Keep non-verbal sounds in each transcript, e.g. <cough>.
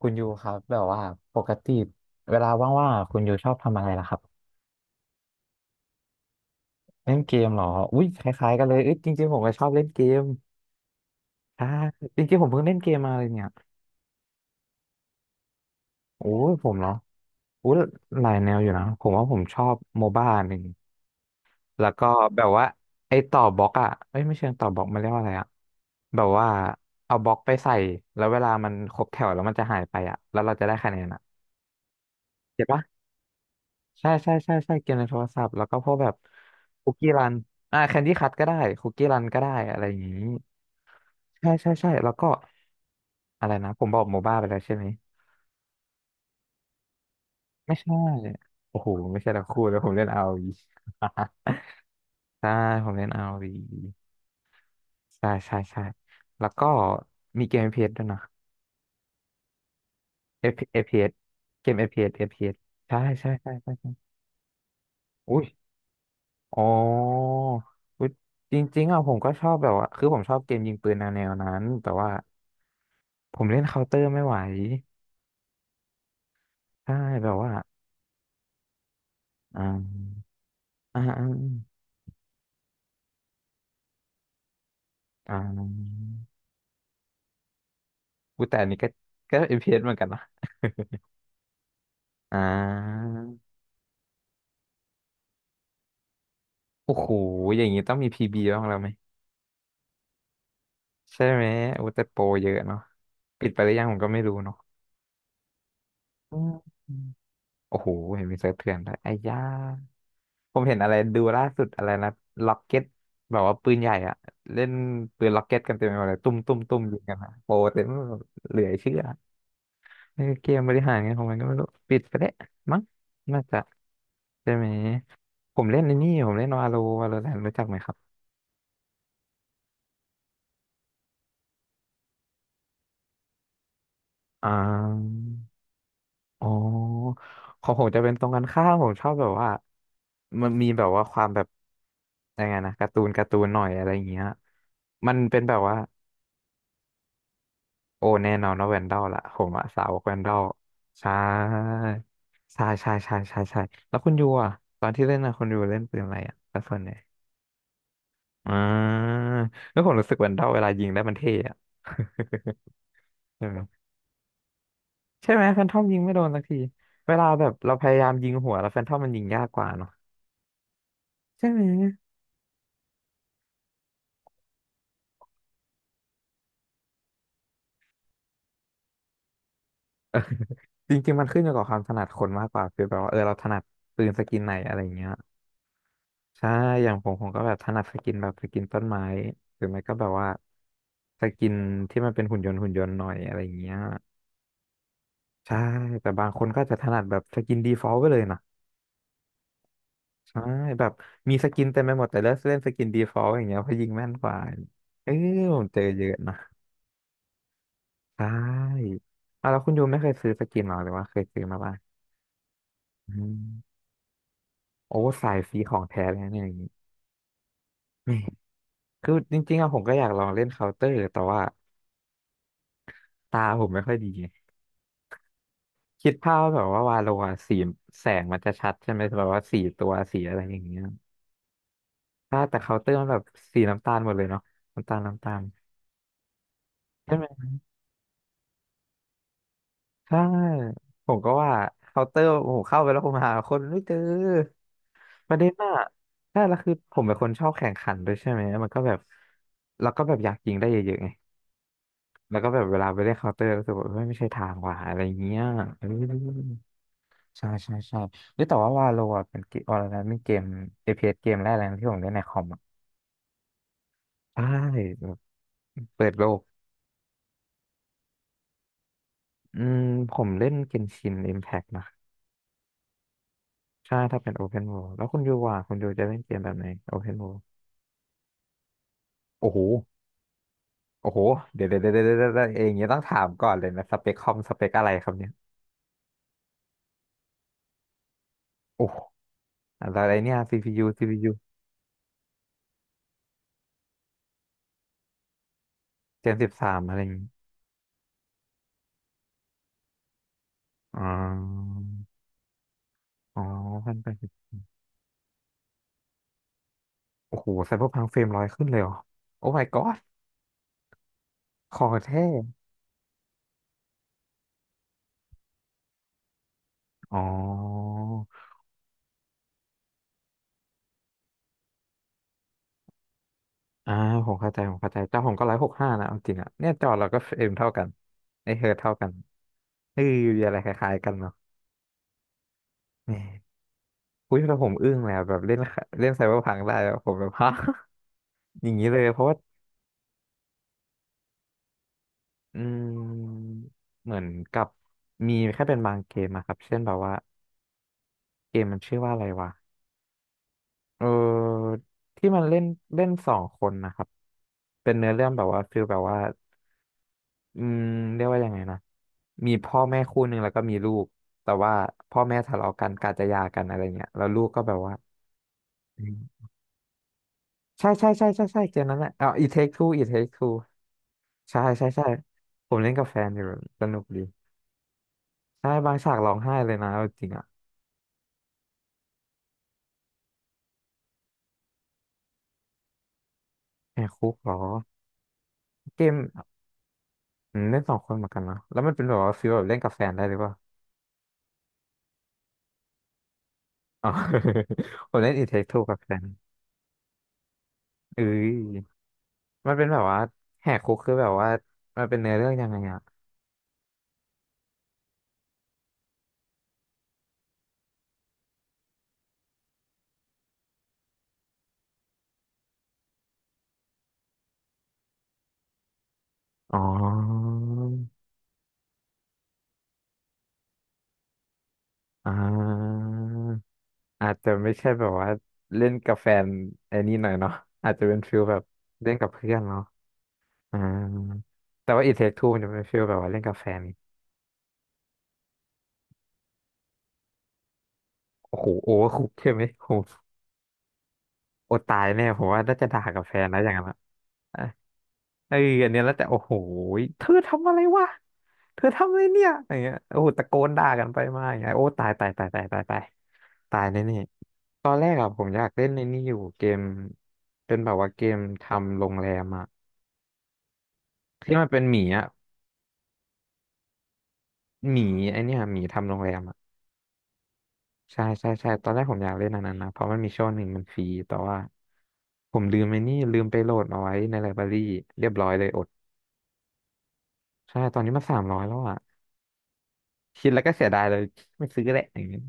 คุณยูครับแบบว่าปกติเวลาว่างๆอะคุณยูชอบทำอะไรล่ะครับเล่นเกมเหรออุ้ยคล้ายๆกันเลยเอ้ยจริงๆผมก็ชอบเล่นเกมอ่าจริงๆผมเพิ่งเล่นเกมมาเลยเนี่ยโอ้ยผมเนาะอุ้ยหลายแนวอยู่นะผมว่าผมชอบโมบ้าหนึ่งแล้วก็แบบว่าไอ้ต่อบล็อกอ่ะเอ้ยไม่เชิงต่อบล็อกมันเรียกว่าอะไรอ่ะแบบว่าเอาบล็อกไปใส่แล้วเวลามันครบแถวแล้วมันจะหายไปอ่ะแล้วเราจะได้คะแนนอ่ะเก็ตปะ ใช่ใช่ใช่ใช่เกมในโทรศัพท์แล้วก็พวกแบบคุกกี้รันอ่าแคนดี้คัทก็ได้คุกกี้รันก็ได้อะไรอย่างนี้ใช่ใช่ใช่แล้วก็อะไรนะผมบอกโมบ้าไปแล้วใช่ไหมไม่ใช่โอ้โหไม่ใช่ละคู่แล้วผมเล่น r ว v <laughs> ใช่ผมเล่น r o ีใช่ใช่ใช่แล้วก็มีเกมเอ s ด้วยนะ f พ s เอสเกม f พีเอสเอฟพีเอสใช่ใช่ใช่ใช่อุ้ย อ๋ออุ๊ยจริงๆอ่ะผมก็ชอบแบบว่า คือผมชอบเกมยิงปืนแนวแนวนั้น แต่ว่าผมเล่นเคาน์เตอร์ไม่ไหวใช่แบบว่าอ่าอ่าอ่าอ่าอุ๊ยแต่อันนี้ก็FPS เอสเหมือนกันนะอ่าโอ้โห อย่างนี้ต้องมี PB บ้างแล้วไหม ใช่ไหมโอุยแต่โปรเยอะเนาะปิดไปหรือยังผมก็ไม่รู้เนาะอืมโอ้โหเห็นมีเซิร์ฟเถื่อนด้วยไอ้ย่า ผมเห็นอะไรดูล่าสุดอะไรนะล็อกเก็ตแบบว่าปืนใหญ่อะเล่นปืนล็อกเก็ตกันเต็มไปหมดเลยตุ้มตุ้มตุ้มยิงกันนะโปรเต็มไปหมดเหลือเชื่อเออเกมบริหารเงันของมันก็ไม่รู้ปิดไปแล้วมั้งน่าจะใช่ไหมผมเล่นในนี่ผมเล่นวาโลวาโลแรนรู้จักไหมครับอ่าอ๋อของผมจะเป็นตรงกันข้ามผมชอบแบบว่ามันมีแบบว่าความแบบยังไงนะการ์ตูนการ์ตูนหน่อยอะไรอย่างเงี้ยมันเป็นแบบว่า โอ้แน่นอนว่าแวนดอลล่ะผมอะสาวกแวนดอลใช่ใช่ใช่ใช่ใช่ใช่แล้วคุณยูอะตอนที่เล่นอะคุณยูเล่นปืนอะไรอะแล้วส่วนไหนอ่าแล้วผมรู้สึกแวนดอลเวลายิงได้มันเท่อะ <laughs> ใช่ไหมใช่ไหมแฟนทอมยิงไม่โดนสักทีเวลาแบบเราพยายามยิงหัวแล้วแฟนทอมมันยิงยากกว่าเนาะใช่ไหมจริงๆมันขึ้นอยู่กับความถนัดคนมากกว่าคือแบบว่าเออเราถนัดปืนสกินไหนอะไรเงี้ย ใช่อย่างผมผมก็แบบถนัดสกินแบบสกินต้นไม้หรือไม่ก็แบบว่าสกินที่มันเป็นหุ่นยนต์หุ่นยนต์หน่อยอะไรอย่างเงี้ย ใช่ แต่บางคนก็จะถนัดแบบสกินดีฟอลต์ไปเลยนะใช่แบบมีสกินเต็มไปหมด แต่เลือกเล่นสกินดีฟอลต์อย่างเงี้ยเพราะยิงแม่นกว่าเออผมเจอเยอะนะใช่อ่ะแล้วคุณยูไม่เคยซื้อสกินหรอหรือว่าเคยซื้อมาบ้างอืมโอ้สายฟรีของแท้เลยนะเนี่ยอย่างงี้แหม่คือจริงๆอะผมก็อยากลองเล่นเคาน์เตอร์แต่ว่าตาผมไม่ค่อยดี คิดภาพแบบว่าวาโลอะสีแสงมันจะชัดใช่ไหมแบบว่าสีตัวสีอะไรอย่างเงี้ยถ้าแต่เคาน์เตอร์มันแบบสีน้ำตาลหมดเลยเนาะน้ำตาลน้ำตาลใช่ไหมใช่ผมก็ว่าเคาน์เตอร์โอ้โหเข้าไปแล้วผมหาคนไม่เจอประเด็นอะใช่แล้วคือผมเป็นคนชอบแข่งขันด้วยใช่ไหมมันก็แบบแล้วก็แบบอยากยิงได้เยอะๆไงแล้วก็แบบเวลาไปเล่นเคาน์เตอร์ก็รู้สึกว่าเฮ้ยไม่ใช่ทางว่ะอะไรอย่างเงี้ยเออใช่ใช่ใช่เฮ้ยแต่ว่าวาโลอ่ะเป็นเกมวาโลนะเป็นเกมเ p สเกมแรกเลยนะที่ผมเล่นในคอม ใช่แบบเปิดโลกอืมผมเล่นเกนชินอิมแพกนะใช่ถ้าเป็นโอเพน o r l d แล้วคุณยูว่าคุณยูจะเล่นเกมแบบไหนโอเพน o r l d โอ้โหโอ้โหเดี๋ยวเดี๋ยวเดี๋ยวเดี๋ยวเดี๋ยวเอยงเนี้ยต้องถามก่อนเลยนะสเปคคอมสเปคอะไรครับเนี่ยโอ้โหอะไรเนี่ย CPU เจน13อะไรอย่างงี้อ๋ออ๋อ1080โอ้โหไซเบอร์พังเฟรมร้อยขึ้นเลยเหรอโอ้ my god คอแท้อ๋อ อ่าผมเข้าใจผมเข้าใจแต่ผมก็165นะเอาจริงอ่ะเนี่ยจอเราก็เฟรมเท่ากันไอเฮิร์ตเท่ากันเออมีอะไรคล้ายๆกันเนาะแหมอุ้ยแต่ผมอึ้งเล้แบบเล่นเล่นไซเบอร์พังได้อะผมแบบฮะ <laughs> อย่างนี้เลยเพราะว่าอืมเหมือนกับมีแค่เป็นบางเกมอะครับเช่นแบบว่าเกมมันชื่อว่าอะไรวะเออที่มันเล่นเล่นสองคนนะครับเป็นเนื้อเรื่องแบบว่าฟิลแบบว่า อืมเรียกว่ายังไงนะมีพ่อแม่คู่หนึ่งแล้วก็มีลูกแต่ว่าพ่อแม่ทะเลาะกันกาจะหย่ากันอะไรเงี้ยแล้วลูกก็แบบว่าอืมใช่ใช่ใช่ใช่ใช่เกมนั้นแหละอ๋อIt Take Two It Take Two ใช่ใช่ใช่ผมเล่นกับแฟนอยู่สนุกดีใช่บางฉากร้องไห้เลยนะเอาจริงอ่ะแหกคุกเหรอเกมเล่นสองคนเหมือนกันเนอะแล้วมันเป็นแบบว่าฟีลแบบเล่นกับแฟนได้หรือเปล่าอ๋อ <laughs> ผมเล่น It Take Two กับแฟนเอ้ยมันเป็นแบบว่าแหกคุกคือแบบว่ามันเป็นเนื้อเรื่องยังไงอะ อ๋ออ่าอาจจะไม่ใช่แบบว่าเล่นกับแฟนไอ้นี่หน่อยเนาะอาจจะเป็นฟิลแบบเล่นกับเพื่อนเนาะอ่าแต่ว่าอีเทคทูมันจะเป็นฟิลแบบว่าเล่นกับแฟนโอ้โหโอเวอร์คุกใช่ไหมโอ้โหโอตายแน่ผมว่าน่าจะด่ากับแฟนนะอย่างนั้นอะอ่ะเอออันเนี้ยแล้วแต่โอ้โหเธอทำอะไรวะเธอทำอะไรเนี่ยอย่างเงี้ยโอ้โหตะโกนด่ากันไปมาอย่างเงี้ยโอ้ตายตายตายตายตายตายตายแน่ ตอนแรกอะผมอยากเล่นในนี่อยู่เกมเป็นแบบว่าเกมทำโรงแรมอะที่มันเป็นหมีอะหมีไอเนี่ยหมีทำโรงแรมอะใช่ใช่ใช่ตอนแรกผมอยากเล่นอันนั้นนะเพราะมันมีช่วงหนึ่งมันฟรีแต่ว่าผมลืมไอ้นี่ลืมไปโหลดเอาไว้ในไลบรารีเรียบร้อยเลยอดใช่ตอนนี้มา300แล้วอะคิดแล้วก็เสียดายเลยไม่ซื้อแหละอย่างเงี้ย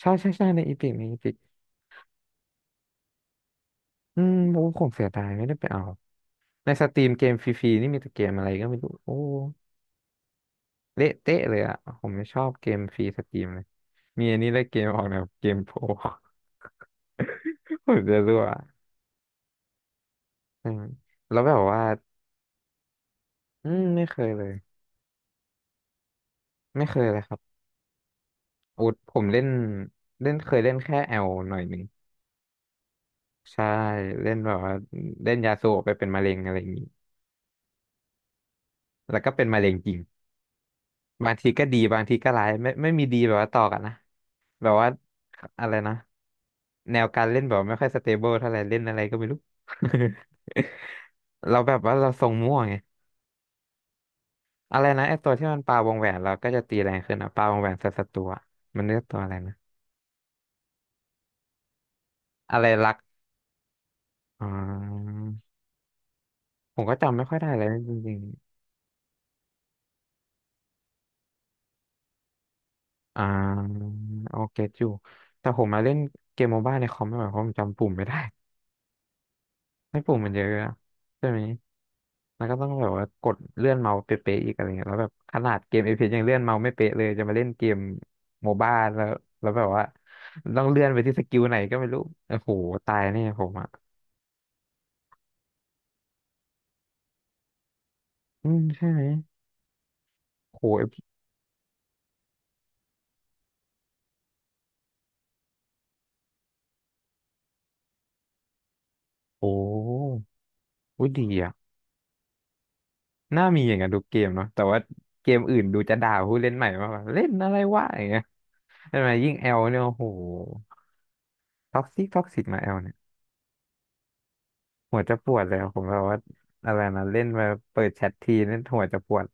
ใช่ใช่ใช่ในอีพิกในอีพิกโอ้ผมเสียดายไม่ได้ไปเอาในสตรีมเกมฟรีๆนี่มีแต่เกมอะไรก็ไม่รู้โอ้ เละเตะเลยอ่ะผมไม่ชอบเกมฟรีสตรีมเลยมีอันนี้เลยเกมออกแนวเกมโปร <laughs> ผมจะรั่วอืมแล้วแบบว่าไม่เคยเลยไม่เคยเลยครับอุดผมเล่นเล่นเคยเล่นแค่แอลหน่อยหนึ่งใช่เล่นแบบว่าเล่นยาสูบไปเป็นมะเร็งอะไรอย่างนี้แล้วก็เป็นมะเร็งจริง บางทีก็ดีบางทีก็ร้ายไม่ไม่มีดีแบบว่าต่อกันนะแบบว่าอะไรนะแนวการเล่นแบบไม่ค่อยสเตเบิลเท่าไหร่เล่นอะไรก็ไม่รู้ <laughs> เราแบบว่าเราทรงมั่วไงอะไรนะไอตัวที่มันปาวงแหวนเราก็จะตีแรงขึ้นอะปาวงแหวนใส่ศัตรูอะมันเรียกตัวอะไรนะอะไรรักอ่าผมก็จำไม่ค่อยได้เลยจริงๆโอเคอยู่แต่ผมมาเล่นเกมโมบ้าในคอมไม่ไหวเพราะผมจำปุ่มไม่ได้ <laughs> ให้ปุ่มมันเยอะอะใช่ไหม แล้วก็ต้องแบบว่ากดเลื่อนเมาส์เป๊ะๆอีกอะไรเงี้ยแล้วแบบขนาดเกมเอพียังเลื่อนเมาส์ไม่เป๊ะเลยจะมาเล่นเกมโมบ้าแล้วแล้วแบบว่าต้องเลื่อนไปที่สกิลไหนก็ไม่รู้โอ้โหตายเนี่ยผมอ่ะใช่ไหมโหเอฟโอ้อุ๊ยดีอ่ะน่ามีอย่างนั้นทุกเกมเนาะแต่ว่าเกมอื่นดูจะด่าผู้เล่นใหม่มากกว่าเล่นอะไรวะอย่างเงี้ยใช่ไหมยิ่งแอลเนี่ยโอ้โหท็อกซิกท็อกซิกมาแอลเนี่ยหัวจะปวดเลยอะผมแบบว่าอะไรนะเล่นมาเปิดแชททีนี่นหัวจะปวด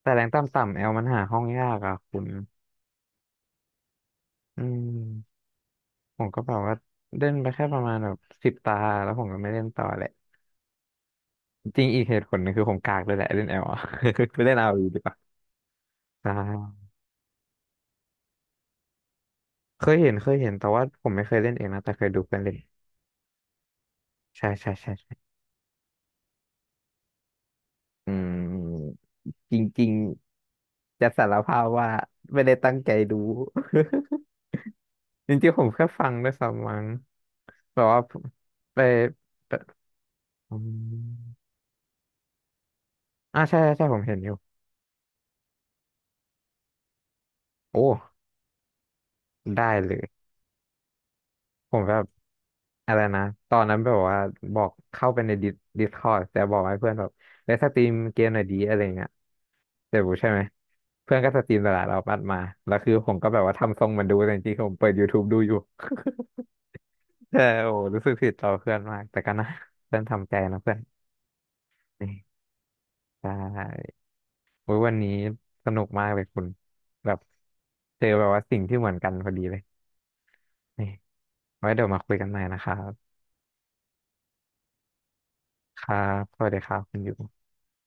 แต่แรงต่ำๆแอลมันหาห้องยากอ่ะคุณอืมผมก็แบบว่าเล่นไปแค่ประมาณแบบ10 ตาแล้วผมก็ไม่เล่นต่อแหละจริงอีกเหตุผลหนึงคือผมกากเลยแหละเล่นแอล <laughs> อ่ะ <laughs> ไปเล่นเอาดีกว่าใช่เคยเห็นเคยเห็นแต่ว่าผมไม่เคยเล่นเองนะแต่เคยดูเพื่อนเล่นใช่ใช่ใช่ใช่อืมจริงๆจะสารภาพว่าไม่ได้ตั้งใจดู <laughs> จริงๆผมแค่ฟังด้วยซ้ำมั้งแบบว่าไปไปอืมใช่ใช่ใช่ผมเห็นอยู่โอ้ได้เลย ผมแบบอะไรนะตอนนั้นแบบว่าบอกเข้าไปในดิสดิสคอร์ดแต่บอกให้เพื่อนแบบเลสสตรีมเกมหน่อยดีอะไรเงี้ยเดี๋ยวใช่ไหมเพื่อนก็สตรีมตลลดเราปัดมาแล้วคือผมก็แบบว่าทำทรงเหมันดูแต่จริงๆผมเปิด YouTube ดูอยู่ <laughs> แต่โอ้รู้สึกผิดต่อเพื่อนมากแต่ก็นะเพื่อนทำใจนะเพื่อนนี่ใช่โอ้ยวันนี้สนุกมากเลยคุณแบบเจอแบบว่าสิ่งที่เหมือนกันพอดีเลยนี่ไว้เดี๋ยวมาคุยกันใหม่นะครับครับสวัสดีครับคุณอยู่